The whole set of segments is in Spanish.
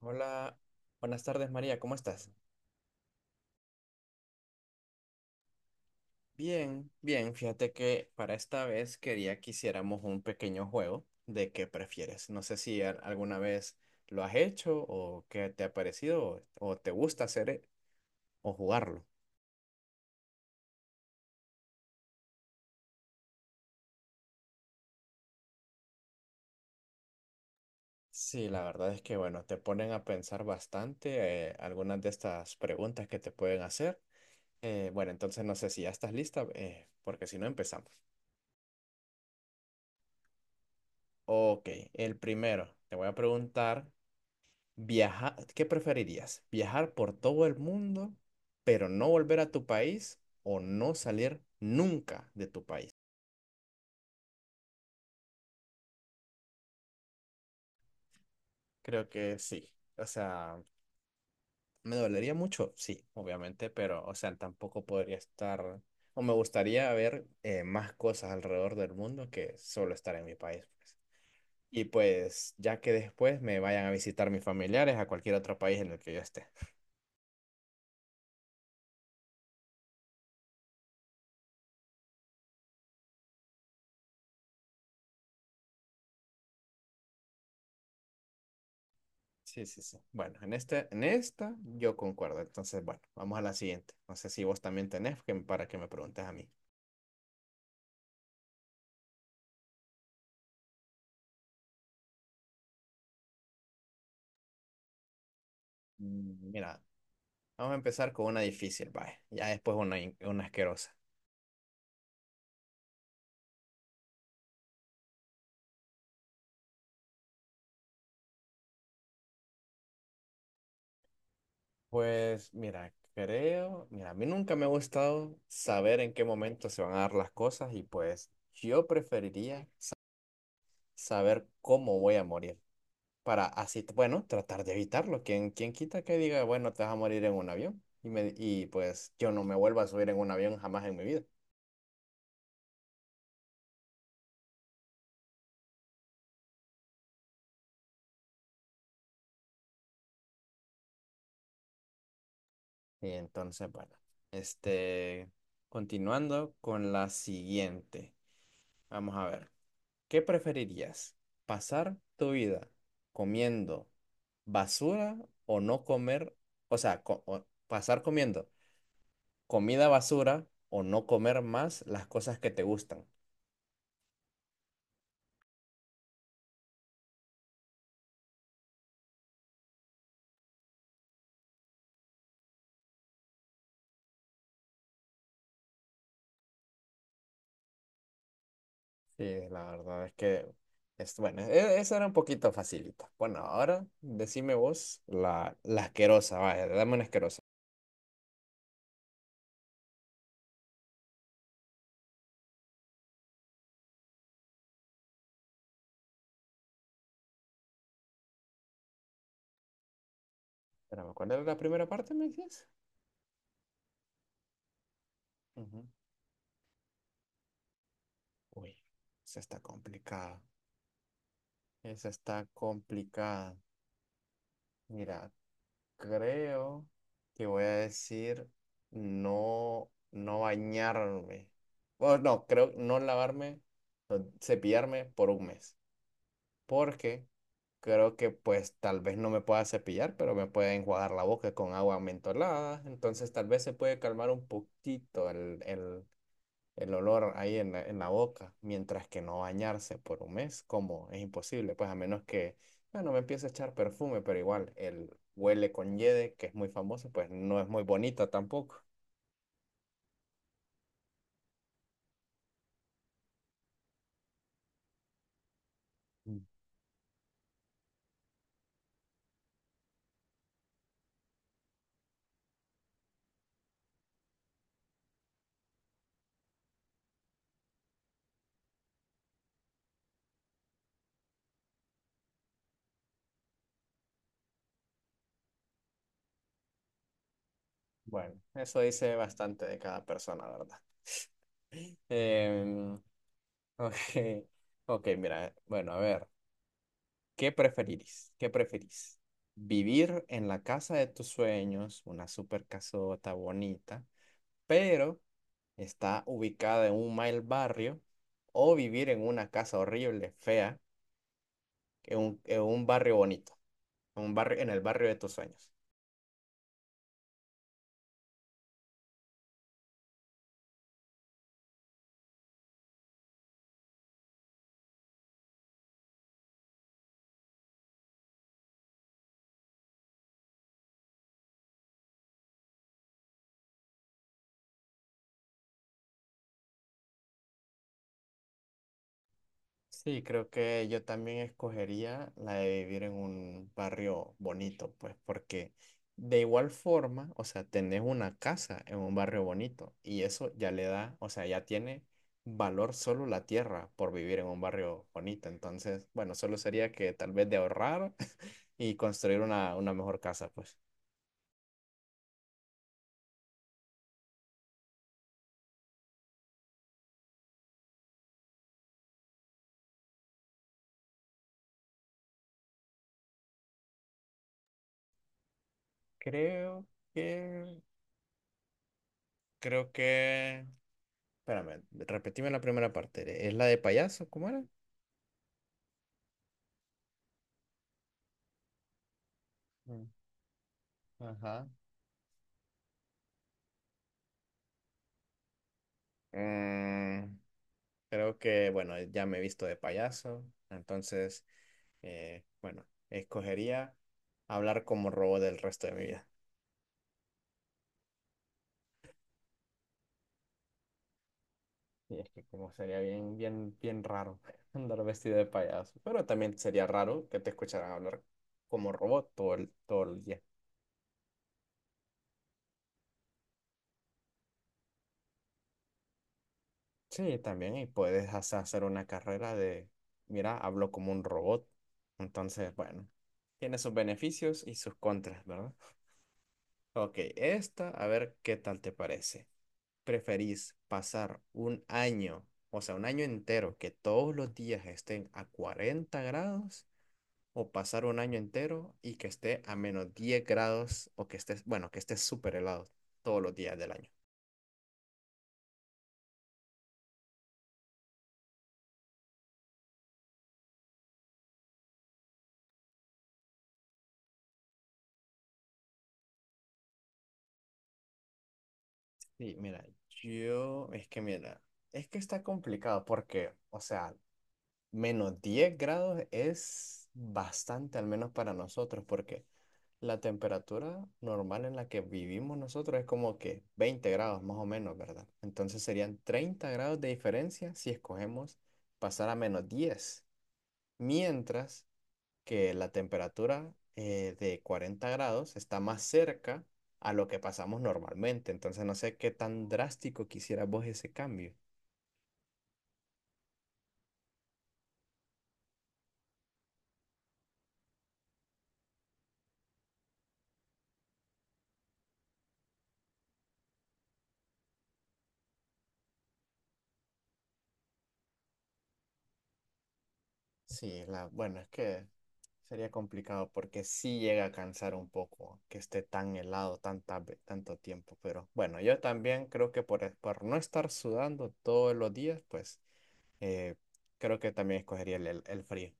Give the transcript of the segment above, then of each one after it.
Hola, buenas tardes María, ¿cómo estás? Bien, bien, fíjate que para esta vez quería que hiciéramos un pequeño juego de qué prefieres. No sé si alguna vez lo has hecho o qué te ha parecido o te gusta hacer o jugarlo. Sí, la verdad es que bueno, te ponen a pensar bastante algunas de estas preguntas que te pueden hacer. Bueno, entonces no sé si ya estás lista, porque si no empezamos. Ok, el primero, te voy a preguntar. Viajar, ¿qué preferirías? ¿Viajar por todo el mundo, pero no volver a tu país o no salir nunca de tu país? Creo que sí. O sea, me dolería mucho, sí, obviamente, pero, o sea, tampoco podría estar, o me gustaría ver más cosas alrededor del mundo que solo estar en mi país, pues. Y pues, ya que después me vayan a visitar mis familiares a cualquier otro país en el que yo esté. Sí, sí, sí. Bueno, en este, en esta yo concuerdo. Entonces, bueno, vamos a la siguiente. No sé si vos también tenés que, para que me preguntes a mí. Mm, mira, vamos a empezar con una difícil, vaya. Ya después una, una asquerosa. Pues, mira, creo, mira, a mí nunca me ha gustado saber en qué momento se van a dar las cosas y pues yo preferiría saber cómo voy a morir, para así, bueno, tratar de evitarlo. ¿Quién, quién quita que diga, bueno, te vas a morir en un avión? Y, me, y pues yo no me vuelvo a subir en un avión jamás en mi vida. Y entonces, bueno, este, continuando con la siguiente. Vamos a ver, ¿qué preferirías? ¿Pasar tu vida comiendo basura o no comer? O sea, o pasar comiendo comida basura o no comer más las cosas que te gustan. Sí, la verdad es que es bueno, esa era un poquito facilita. Bueno, ahora decime vos la, la asquerosa, vaya, dame una asquerosa. Espérame, ¿cuál era la primera parte, me decías? Ujú. Uy, esa está complicada. Esa está complicada. Mira, creo que voy a decir no, no bañarme. O no, creo no lavarme, no, cepillarme por un mes. Porque creo que pues tal vez no me pueda cepillar, pero me puede enjuagar la boca con agua mentolada. Entonces tal vez se puede calmar un poquito el, el olor ahí en la boca, mientras que no bañarse por un mes, como es imposible, pues a menos que, bueno, me empiece a echar perfume, pero igual el huele con yede, que es muy famoso, pues no es muy bonita tampoco. Mm. Bueno, eso dice bastante de cada persona, ¿verdad? Em, ok, ok, mira, bueno, a ver. ¿Qué preferirís? ¿Qué preferís? ¿Vivir en la casa de tus sueños, una super casota bonita, pero está ubicada en un mal barrio? ¿O vivir en una casa horrible, fea, en un barrio bonito, en un barrio, en el barrio de tus sueños? Sí, creo que yo también escogería la de vivir en un barrio bonito, pues porque de igual forma, o sea, tenés una casa en un barrio bonito y eso ya le da, o sea, ya tiene valor solo la tierra por vivir en un barrio bonito. Entonces, bueno, solo sería que tal vez de ahorrar y construir una mejor casa, pues. Creo que, creo que, espérame, repetime la primera parte. ¿Es la de payaso? ¿Cómo era? Mm, ajá. Mm, creo que, bueno, ya me he visto de payaso, entonces, bueno, escogería hablar como robot el resto de mi vida. Y es que como sería bien, bien, bien raro andar vestido de payaso, pero también sería raro que te escucharan hablar como robot todo el día. Sí, también, y puedes hasta hacer una carrera de, mira, hablo como un robot. Entonces, bueno, tiene sus beneficios y sus contras, ¿verdad? Ok, esta, a ver qué tal te parece. ¿Preferís pasar un año, o sea, un año entero que todos los días estén a 40 grados o pasar un año entero y que esté a menos 10 grados o que estés, bueno, que esté súper helado todos los días del año? Sí, mira, yo, es que mira, es que está complicado porque, o sea, menos 10 grados es bastante, al menos para nosotros, porque la temperatura normal en la que vivimos nosotros es como que 20 grados más o menos, ¿verdad? Entonces serían 30 grados de diferencia si escogemos pasar a menos 10, mientras que la temperatura de 40 grados está más cerca a lo que pasamos normalmente. Entonces no sé qué tan drástico quisieras vos ese cambio. Sí, la, bueno, es que sería complicado porque sí llega a cansar un poco que esté tan helado tanta, tanto tiempo, pero bueno, yo también creo que por, por no estar sudando todos los días, pues eh, creo que también escogería el, el frío.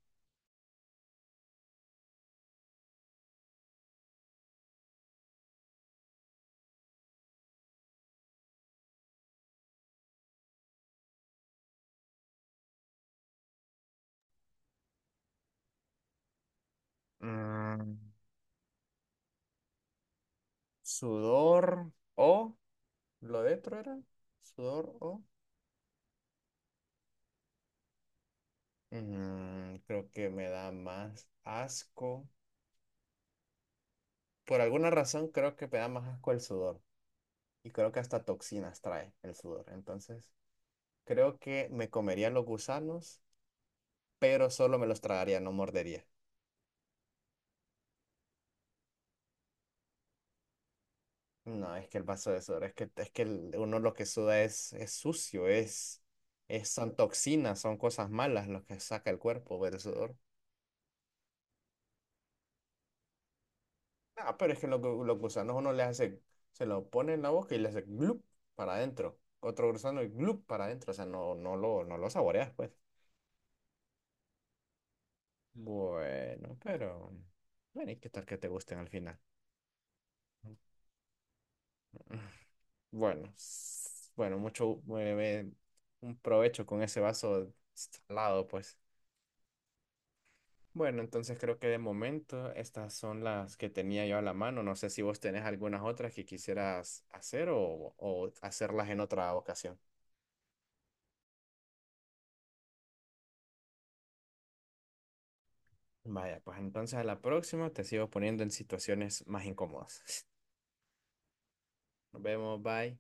Mm, sudor o, lo de otro era, sudor o, mm, creo que me da más asco. Por alguna razón creo que me da más asco el sudor y creo que hasta toxinas trae el sudor, entonces... Creo que me comería los gusanos, pero solo me los tragaría, no mordería. No, es que el vaso de sudor, es que uno lo que suda es sucio, es, son toxinas, son cosas malas lo que saca el cuerpo del sudor. Ah, pero es que los, los gusanos uno le hace, se lo pone en la boca y le hace glup para adentro. Otro gusano y glup para adentro, o sea, no, no lo, no lo saboreas, pues. Bueno, pero... Bueno, ¿y qué tal que te gusten al final? Bueno, bueno, un provecho con ese vaso salado, pues. Bueno, entonces creo que de momento estas son las que tenía yo a la mano. No sé si vos tenés algunas otras que quisieras hacer o hacerlas en otra ocasión. Vaya, pues entonces a la próxima te sigo poniendo en situaciones más incómodas. Nos vemos, bye.